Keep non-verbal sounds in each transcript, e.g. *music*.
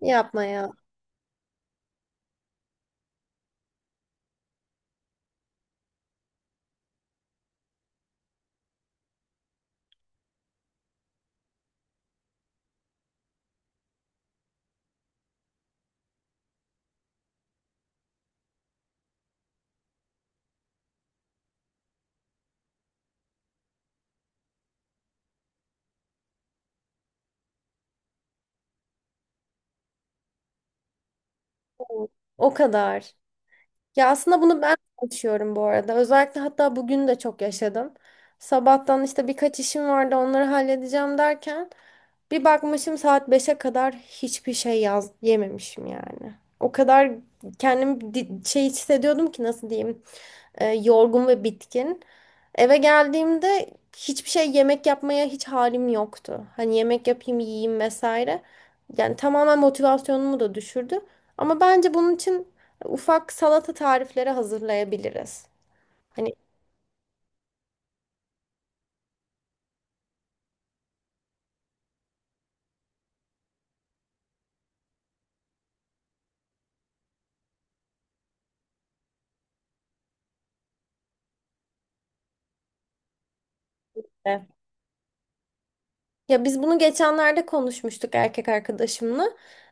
Yapma ya. O o kadar. Ya aslında bunu ben de yaşıyorum bu arada. Özellikle hatta bugün de çok yaşadım. Sabahtan işte birkaç işim vardı onları halledeceğim derken bir bakmışım saat beşe kadar hiçbir şey yememişim yani. O kadar kendimi şey hissediyordum ki nasıl diyeyim yorgun ve bitkin. Eve geldiğimde hiçbir şey yemek yapmaya hiç halim yoktu. Hani yemek yapayım yiyeyim vesaire. Yani tamamen motivasyonumu da düşürdü. Ama bence bunun için ufak salata tarifleri hazırlayabiliriz. Hani. Evet. Ya biz bunu geçenlerde konuşmuştuk erkek arkadaşımla.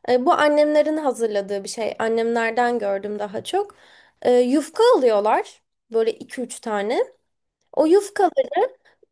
Bu annemlerin hazırladığı bir şey. Annemlerden gördüm daha çok. Yufka alıyorlar. Böyle iki üç tane. O yufka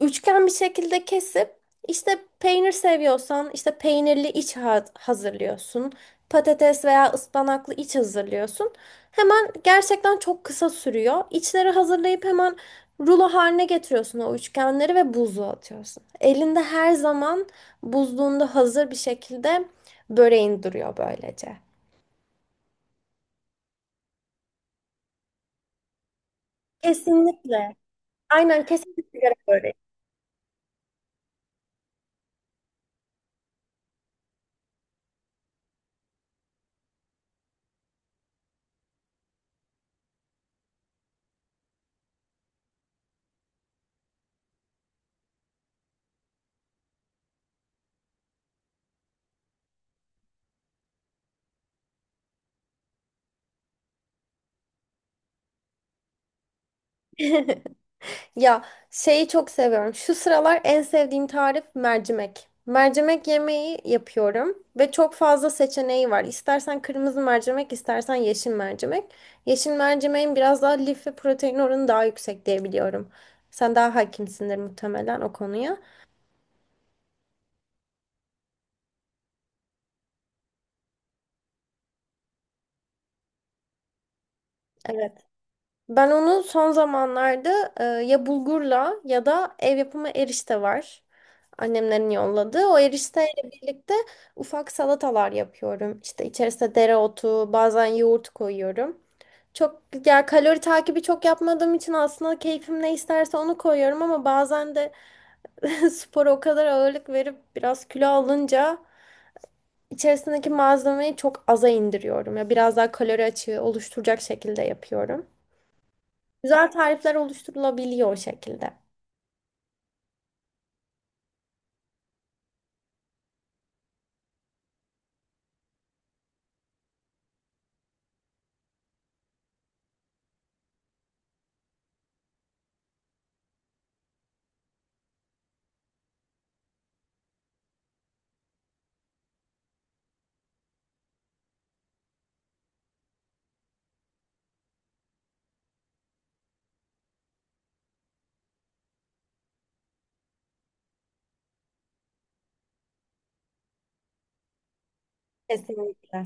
üçgen bir şekilde kesip işte peynir seviyorsan işte peynirli iç hazırlıyorsun. Patates veya ıspanaklı iç hazırlıyorsun. Hemen gerçekten çok kısa sürüyor. İçleri hazırlayıp hemen rulo haline getiriyorsun o üçgenleri ve buzluğa atıyorsun. Elinde her zaman buzluğunda hazır bir şekilde böreğin duruyor böylece. Kesinlikle. Aynen kesinlikle böreği. *laughs* Ya şeyi çok seviyorum. Şu sıralar en sevdiğim tarif mercimek. Mercimek yemeği yapıyorum ve çok fazla seçeneği var. İstersen kırmızı mercimek, istersen yeşil mercimek. Yeşil mercimeğin biraz daha lif ve protein oranı daha yüksek diye biliyorum. Sen daha hakimsindir muhtemelen o konuya. Evet. Ben onu son zamanlarda ya bulgurla ya da ev yapımı erişte var. Annemlerin yolladığı. O erişteyle birlikte ufak salatalar yapıyorum. İşte içerisine dereotu, bazen yoğurt koyuyorum. Çok ya kalori takibi çok yapmadığım için aslında keyfim ne isterse onu koyuyorum ama bazen de *laughs* spora o kadar ağırlık verip biraz kilo alınca içerisindeki malzemeyi çok aza indiriyorum. Ya biraz daha kalori açığı oluşturacak şekilde yapıyorum. Güzel tarifler oluşturulabiliyor o şekilde. Kesinlikle.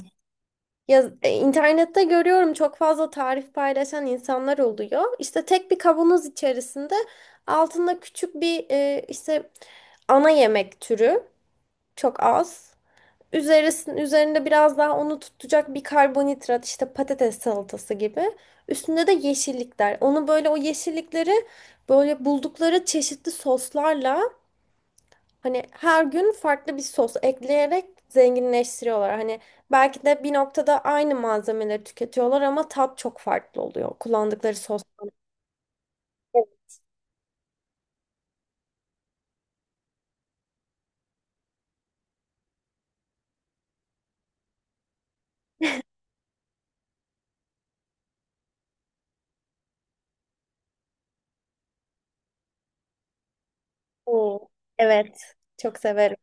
Ya, internette görüyorum çok fazla tarif paylaşan insanlar oluyor. İşte tek bir kavanoz içerisinde altında küçük bir işte ana yemek türü çok az. Üzerisinin üzerinde biraz daha onu tutacak bir karbonhidrat işte patates salatası gibi. Üstünde de yeşillikler. Onu böyle o yeşillikleri böyle buldukları çeşitli soslarla hani her gün farklı bir sos ekleyerek zenginleştiriyorlar. Hani belki de bir noktada aynı malzemeleri tüketiyorlar ama tat çok farklı oluyor. Kullandıkları sos. Oo, evet. Çok severim.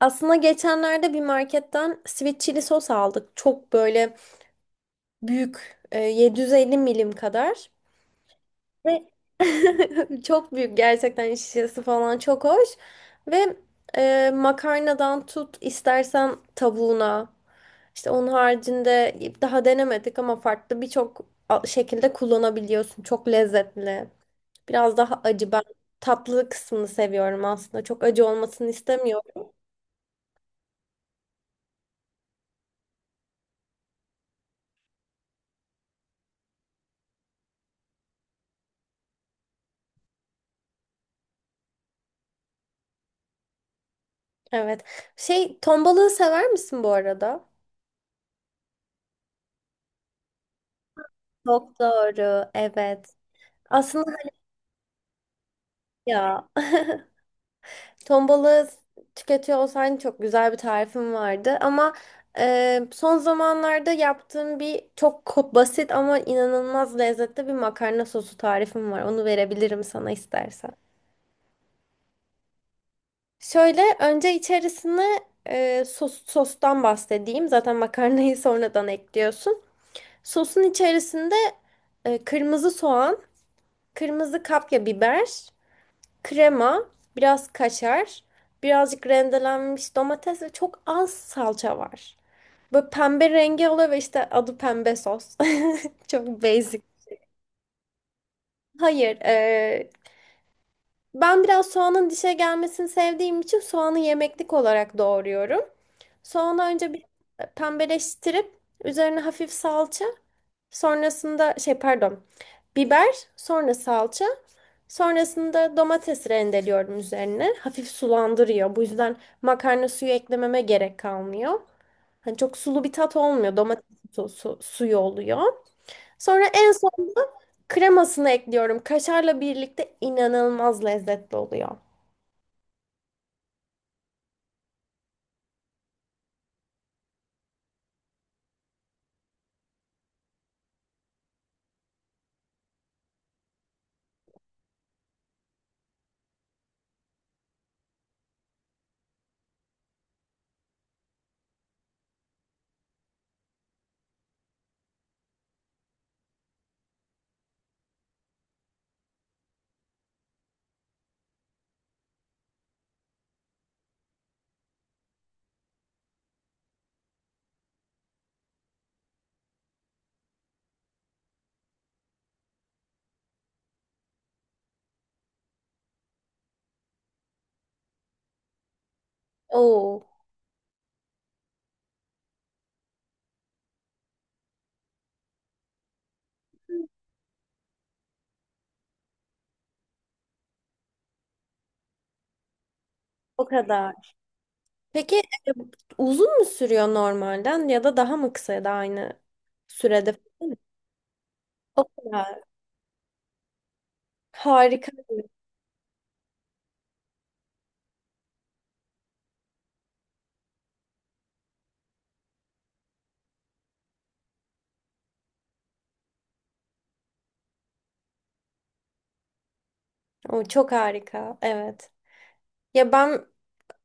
Aslında geçenlerde bir marketten sweet chili sos aldık. Çok böyle büyük. 750 milim kadar. Ve *laughs* çok büyük gerçekten şişesi falan çok hoş. Ve makarnadan tut istersen tavuğuna. İşte onun haricinde daha denemedik ama farklı birçok şekilde kullanabiliyorsun. Çok lezzetli. Biraz daha acı. Ben tatlı kısmını seviyorum aslında. Çok acı olmasını istemiyorum. Evet. Şey, ton balığı sever misin bu arada? Çok doğru. Evet. Aslında ya. *laughs* Ton balığı tüketiyor olsaydın çok güzel bir tarifim vardı. Ama son zamanlarda yaptığım bir çok basit ama inanılmaz lezzetli bir makarna sosu tarifim var. Onu verebilirim sana istersen. Şöyle önce içerisine sostan bahsedeyim. Zaten makarnayı *laughs* sonradan ekliyorsun. Sosun içerisinde kırmızı soğan, kırmızı kapya biber. Krema, biraz kaşar, birazcık rendelenmiş domates ve çok az salça var. Böyle pembe rengi oluyor ve işte adı pembe sos. *laughs* Çok basic. Hayır, ben biraz soğanın dişe gelmesini sevdiğim için soğanı yemeklik olarak doğruyorum. Soğanı önce bir pembeleştirip üzerine hafif salça. Sonrasında şey pardon. Biber, sonra salça. Sonrasında domates rendeliyorum üzerine. Hafif sulandırıyor. Bu yüzden makarna suyu eklememe gerek kalmıyor. Hani çok sulu bir tat olmuyor. Domates suyu oluyor. Sonra en sonunda kremasını ekliyorum. Kaşarla birlikte inanılmaz lezzetli oluyor. Oo, o kadar. Peki uzun mu sürüyor normalden ya da daha mı kısa ya da aynı sürede? O kadar. Harika. O çok harika. Evet. Ya ben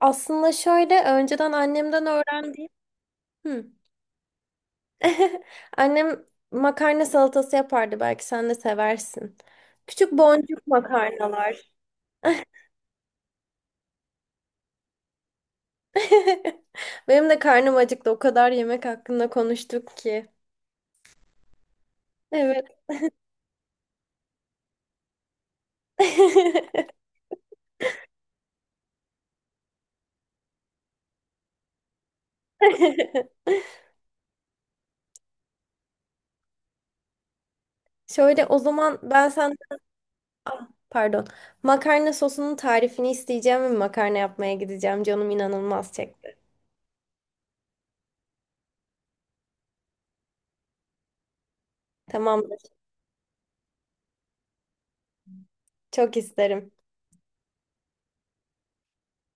aslında şöyle önceden annemden öğrendiğim. Hı. *laughs* Annem makarna salatası yapardı. Belki sen de seversin. Küçük boncuk makarnalar. *laughs* Benim de karnım acıktı. O kadar yemek hakkında konuştuk ki. Evet. *laughs* Şöyle o zaman ben sen. Ah, pardon. Makarna sosunun tarifini isteyeceğim ve makarna yapmaya gideceğim. Canım inanılmaz çekti. Tamam. Çok isterim.